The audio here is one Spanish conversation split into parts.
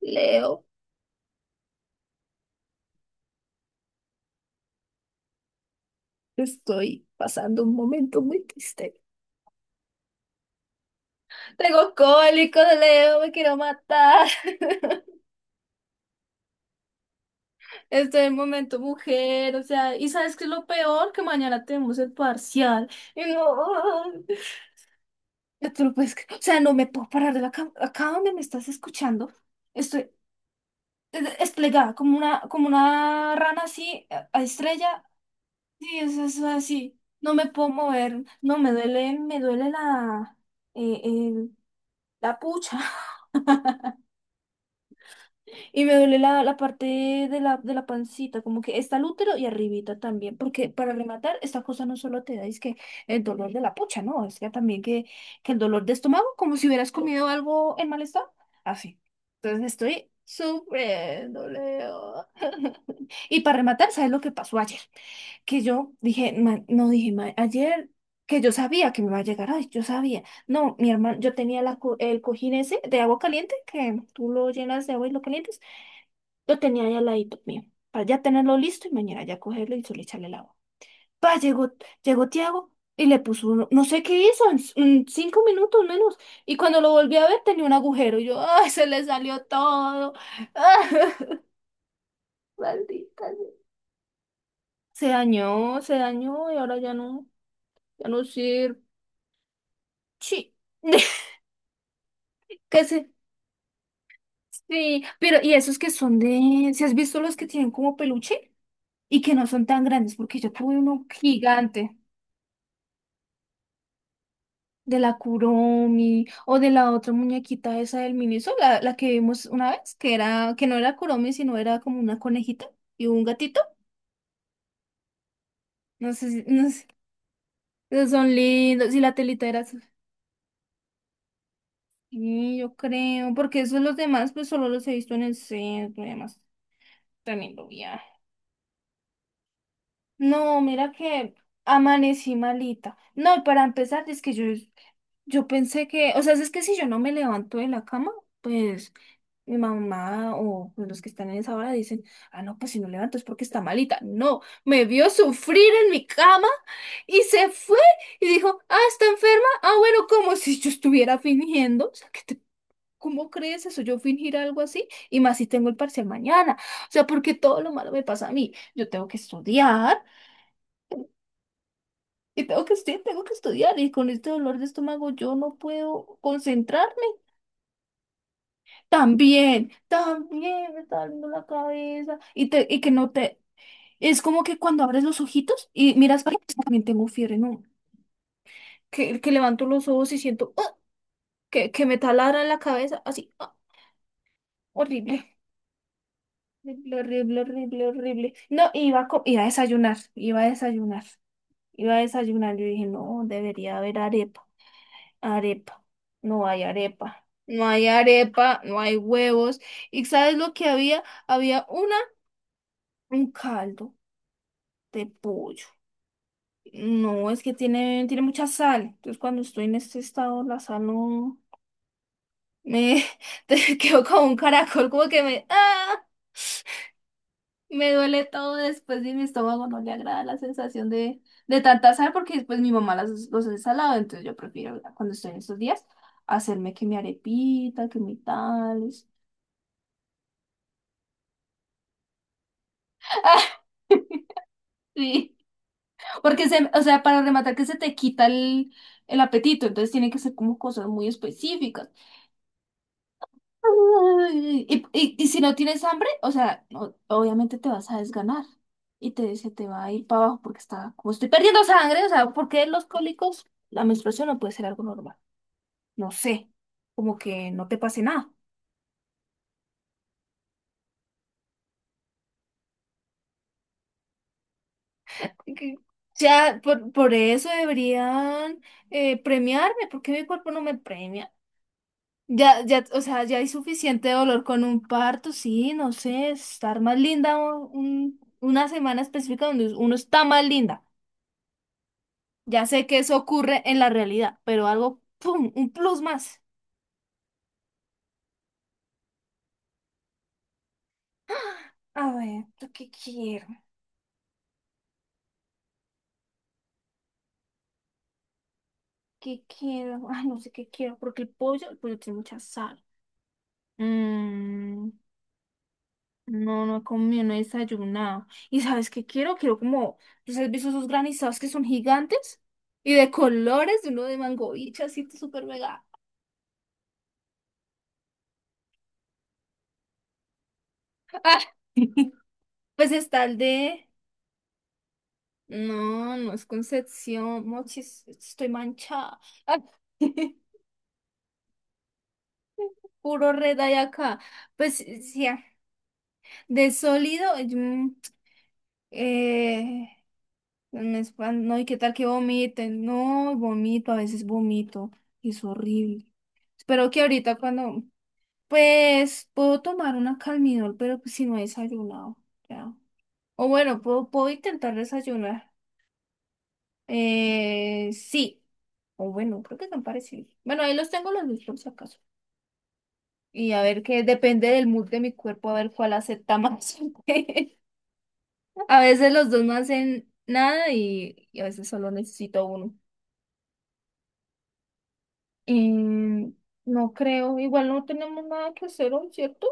Leo, estoy pasando un momento muy triste. Tengo cólico de Leo, me quiero matar. Estoy en momento mujer, o sea, ¿y sabes qué es lo peor? Que mañana tenemos el parcial. Y no, yo tú lo puedes creer. O sea, no me puedo parar de la cama. Acá donde me estás escuchando, estoy desplegada como una rana así, a estrella. Sí, eso es así. No me puedo mover, no me duele, me duele eh, el- la pucha. Y me duele la parte de la pancita, como que está el útero y arribita también, porque para rematar, esta cosa no solo te da, es que el dolor de la pucha, ¿no? Es que también que el dolor de estómago, como si hubieras comido algo en mal estado, así. Entonces estoy sufriendo, Leo. Y para rematar, ¿sabes lo que pasó ayer? Que yo dije, "Man", no dije, "Man", ayer que yo sabía que me iba a llegar, ay, yo sabía. No, mi hermano, yo tenía el cojín ese de agua caliente, que tú lo llenas de agua y lo calientes. Lo tenía ahí al ladito mío, para ya tenerlo listo y mañana ya cogerlo y solo echarle el agua. Pa, llegó Tiago y le puso uno, no sé qué hizo, en cinco minutos menos. Y cuando lo volví a ver tenía un agujero y yo, ¡ay, se le salió todo! Maldita sea. Se dañó y ahora ya no, ya no sirve. Sí. ¿Qué sé? Sí, pero y esos que son de, ¿si has visto los que tienen como peluche y que no son tan grandes? Porque yo tuve uno gigante. De la Kuromi o de la otra muñequita esa del ministro, la que vimos una vez, que era, que no era Kuromi, sino era como una conejita y un gatito. No sé, no sé, esos son lindos, y la telita era azul. Sí, yo creo, porque esos los demás, pues solo los he visto en el centro y demás. Tremendo viaje. No, mira que amanecí malita. No, y para empezar, es que yo pensé que, o sea, si es que si yo no me levanto de la cama, pues mi mamá o pues, los que están en esa hora dicen, ah, no, pues si no levanto es porque está malita. No, me vio sufrir en mi cama y se fue y dijo, ah, está enferma. Ah, bueno, como si yo estuviera fingiendo. O sea, ¿cómo crees eso? Yo fingir algo así y más si tengo el parcial mañana. O sea, porque todo lo malo me pasa a mí. Yo tengo que estudiar. Y tengo que estudiar, tengo que estudiar. Y con este dolor de estómago yo no puedo concentrarme. También, también me está doliendo la cabeza. Y, te, y que no te, Es como que cuando abres los ojitos y miras para atrás, también tengo fiebre, ¿no? Que levanto los ojos y siento ¡ah! Que me taladra en la cabeza, así, ¡ah! Horrible, horrible, horrible, horrible, horrible. No, iba a desayunar, iba a desayunar, iba a desayunar. Yo dije, no, debería haber arepa, arepa, no hay arepa. No hay arepa, no hay huevos. ¿Y sabes lo que había? Había una, un caldo de pollo. No, es que tiene, tiene mucha sal. Entonces, cuando estoy en este estado, la sal no me te quedo como un caracol, como que me ¡ah! Me duele todo después y mi estómago no le agrada la sensación de tanta sal, porque después mi mamá las, los ensalado, entonces yo prefiero cuando estoy en estos días hacerme que mi arepita, que mi tales. Sí, porque se, o sea, para rematar que se te quita el apetito, entonces tiene que ser como cosas muy específicas. Ay, y si no tienes hambre, o sea, obviamente te vas a desganar y te, se te va a ir para abajo porque está, como estoy perdiendo sangre, o sea, porque los cólicos, la menstruación no puede ser algo normal. No sé, como que no te pase nada. Y que ya, por eso deberían premiarme, porque mi cuerpo no me premia. Ya, ya, o sea, ya hay suficiente dolor con un parto, sí, no sé, estar más linda una semana específica donde uno está más linda. Ya sé que eso ocurre en la realidad, pero algo, ¡pum! Un plus más. A ver, ¿yo ¿qué quiero? ¿Qué quiero? Ay, no sé qué quiero, porque el pollo tiene mucha sal. Mm, no, no he comido, no he desayunado. ¿Y sabes qué quiero? Quiero como, ¿pues has visto esos granizados que son gigantes? Y de colores, uno de mango y así súper mega. ¡Ah! Pues está el de... No, no es Concepción, mochis, estoy manchada. Ah. Puro red hay acá. Pues sí, ah, de sólido, mm, eh, no me espan-, no, y qué tal que vomiten. No, vomito, a veces vomito, y es horrible. Espero que ahorita cuando, pues, puedo tomar una Calmidol, pero pues si no he desayunado, ya. O bueno, puedo, puedo intentar desayunar. Sí. O bueno, creo que tan parecidos. Bueno, ahí los tengo los dos por si acaso. Y a ver qué depende del mood de mi cuerpo, a ver cuál acepta más. A veces los dos no hacen nada y, y a veces solo necesito uno. Em, no creo, igual no tenemos nada que hacer hoy, ¿cierto?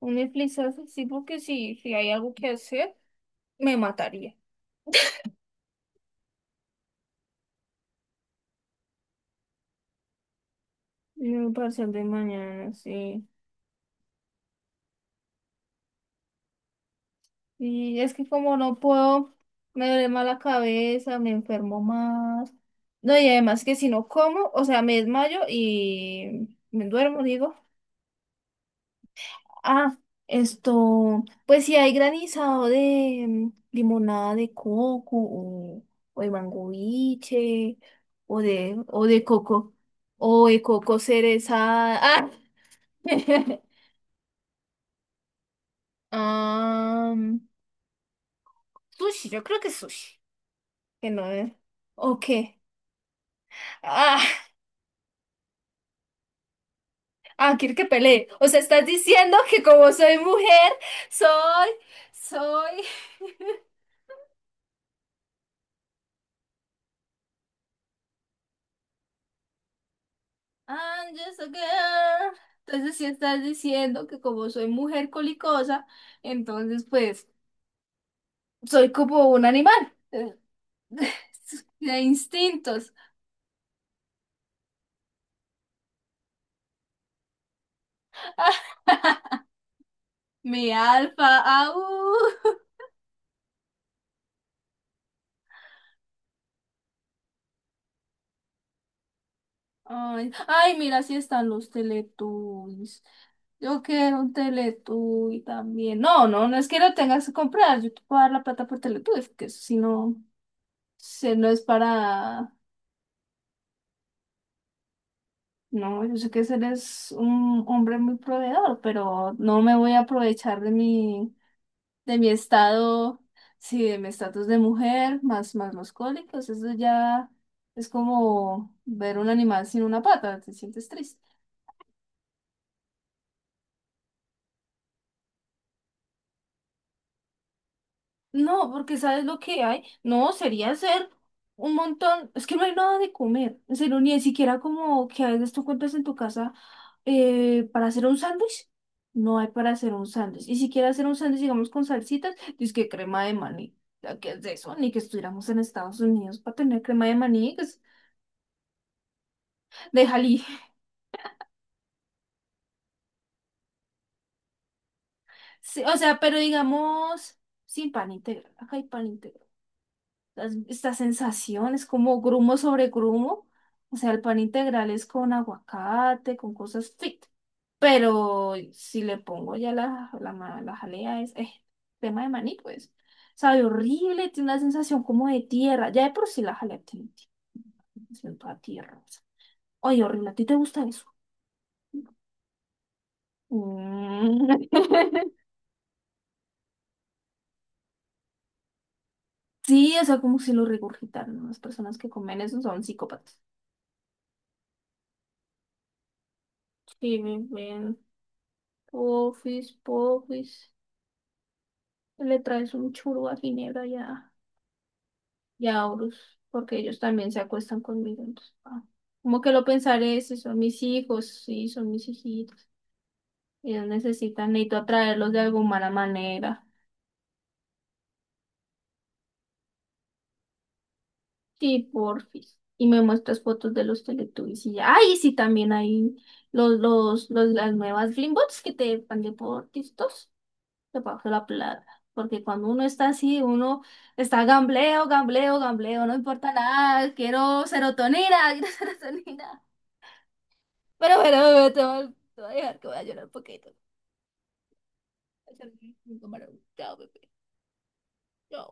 Un Netflix sí, porque si, si hay algo que hacer, me mataría. No, para hacer de mañana, sí. Y es que como no puedo, me duele más la cabeza, me enfermo más. No, y además que si no como, o sea, me desmayo y me duermo, digo. Ah, esto, pues si hay granizado de mm, limonada de coco o de mango o de, o de coco o de coco cerezada. Ah, sushi, yo creo que sushi. Que no es. ¿O qué? Ah, ah, quiero que pelee. O sea, estás diciendo que como soy mujer, soy, soy. I'm just a girl. Entonces, si estás diciendo que como soy mujer colicosa, entonces pues soy como un animal. Eh, De instintos. Mi alfa, au. Ay, ay, mira, si están los Teletubbies. Yo quiero un Teletubby también. No, no, no es que lo tengas que comprar. Yo te puedo dar la plata por Teletubbies, que eso si no, se no es para. No, yo sé que eres un hombre muy proveedor, pero no me voy a aprovechar de mi estado, sí, de mi estatus de mujer, más, más los cólicos. Eso ya es como ver un animal sin una pata, te sientes triste. No, porque ¿sabes lo que hay? No, sería hacer un montón, es que no hay nada de comer, en serio, ni siquiera como que a veces tú encuentras en tu casa para hacer un sándwich, no hay para hacer un sándwich, y si quieres hacer un sándwich, digamos, con salsitas, dices que crema de maní, ¿ya qué es de eso? Ni que estuviéramos en Estados Unidos para tener crema de maní, pues, de jalí. Sí, o sea, pero digamos, sin pan integral, acá hay pan integral. Esta sensación, es como grumo sobre grumo. O sea, el pan integral es con aguacate, con cosas fit. Pero si le pongo ya la jalea, es tema de maní, pues. Sabe horrible, tiene una sensación como de tierra. Ya de por sí la jalea tiene sensación toda tierra. Oye, horrible, ¿a ti te gusta eso? Mm. Sí, o sea, como si lo regurgitaran, ¿no? Las personas que comen eso son psicópatas. Sí, ven, pofis, pofis. Le traes un churro a Ginebra y a Horus, porque ellos también se acuestan conmigo. Entonces, ah, como que lo pensaré, si son mis hijos, sí, son mis hijitos. Ellos necesitan, necesito atraerlos de alguna manera. Sí, porfis. Y me muestras fotos de los Teletubbies y ya. ¡Ay! Sí, también hay las nuevas Glimbots que te van de por TikTok. Le paso la plata. Porque cuando uno está así, uno está gambleo, gambleo, gambleo, no importa nada, quiero serotonina, quiero serotonina. Pero bueno, bebé, te voy a, te voy a dejar que voy a llorar un poquito. Chao, bebé. Chao.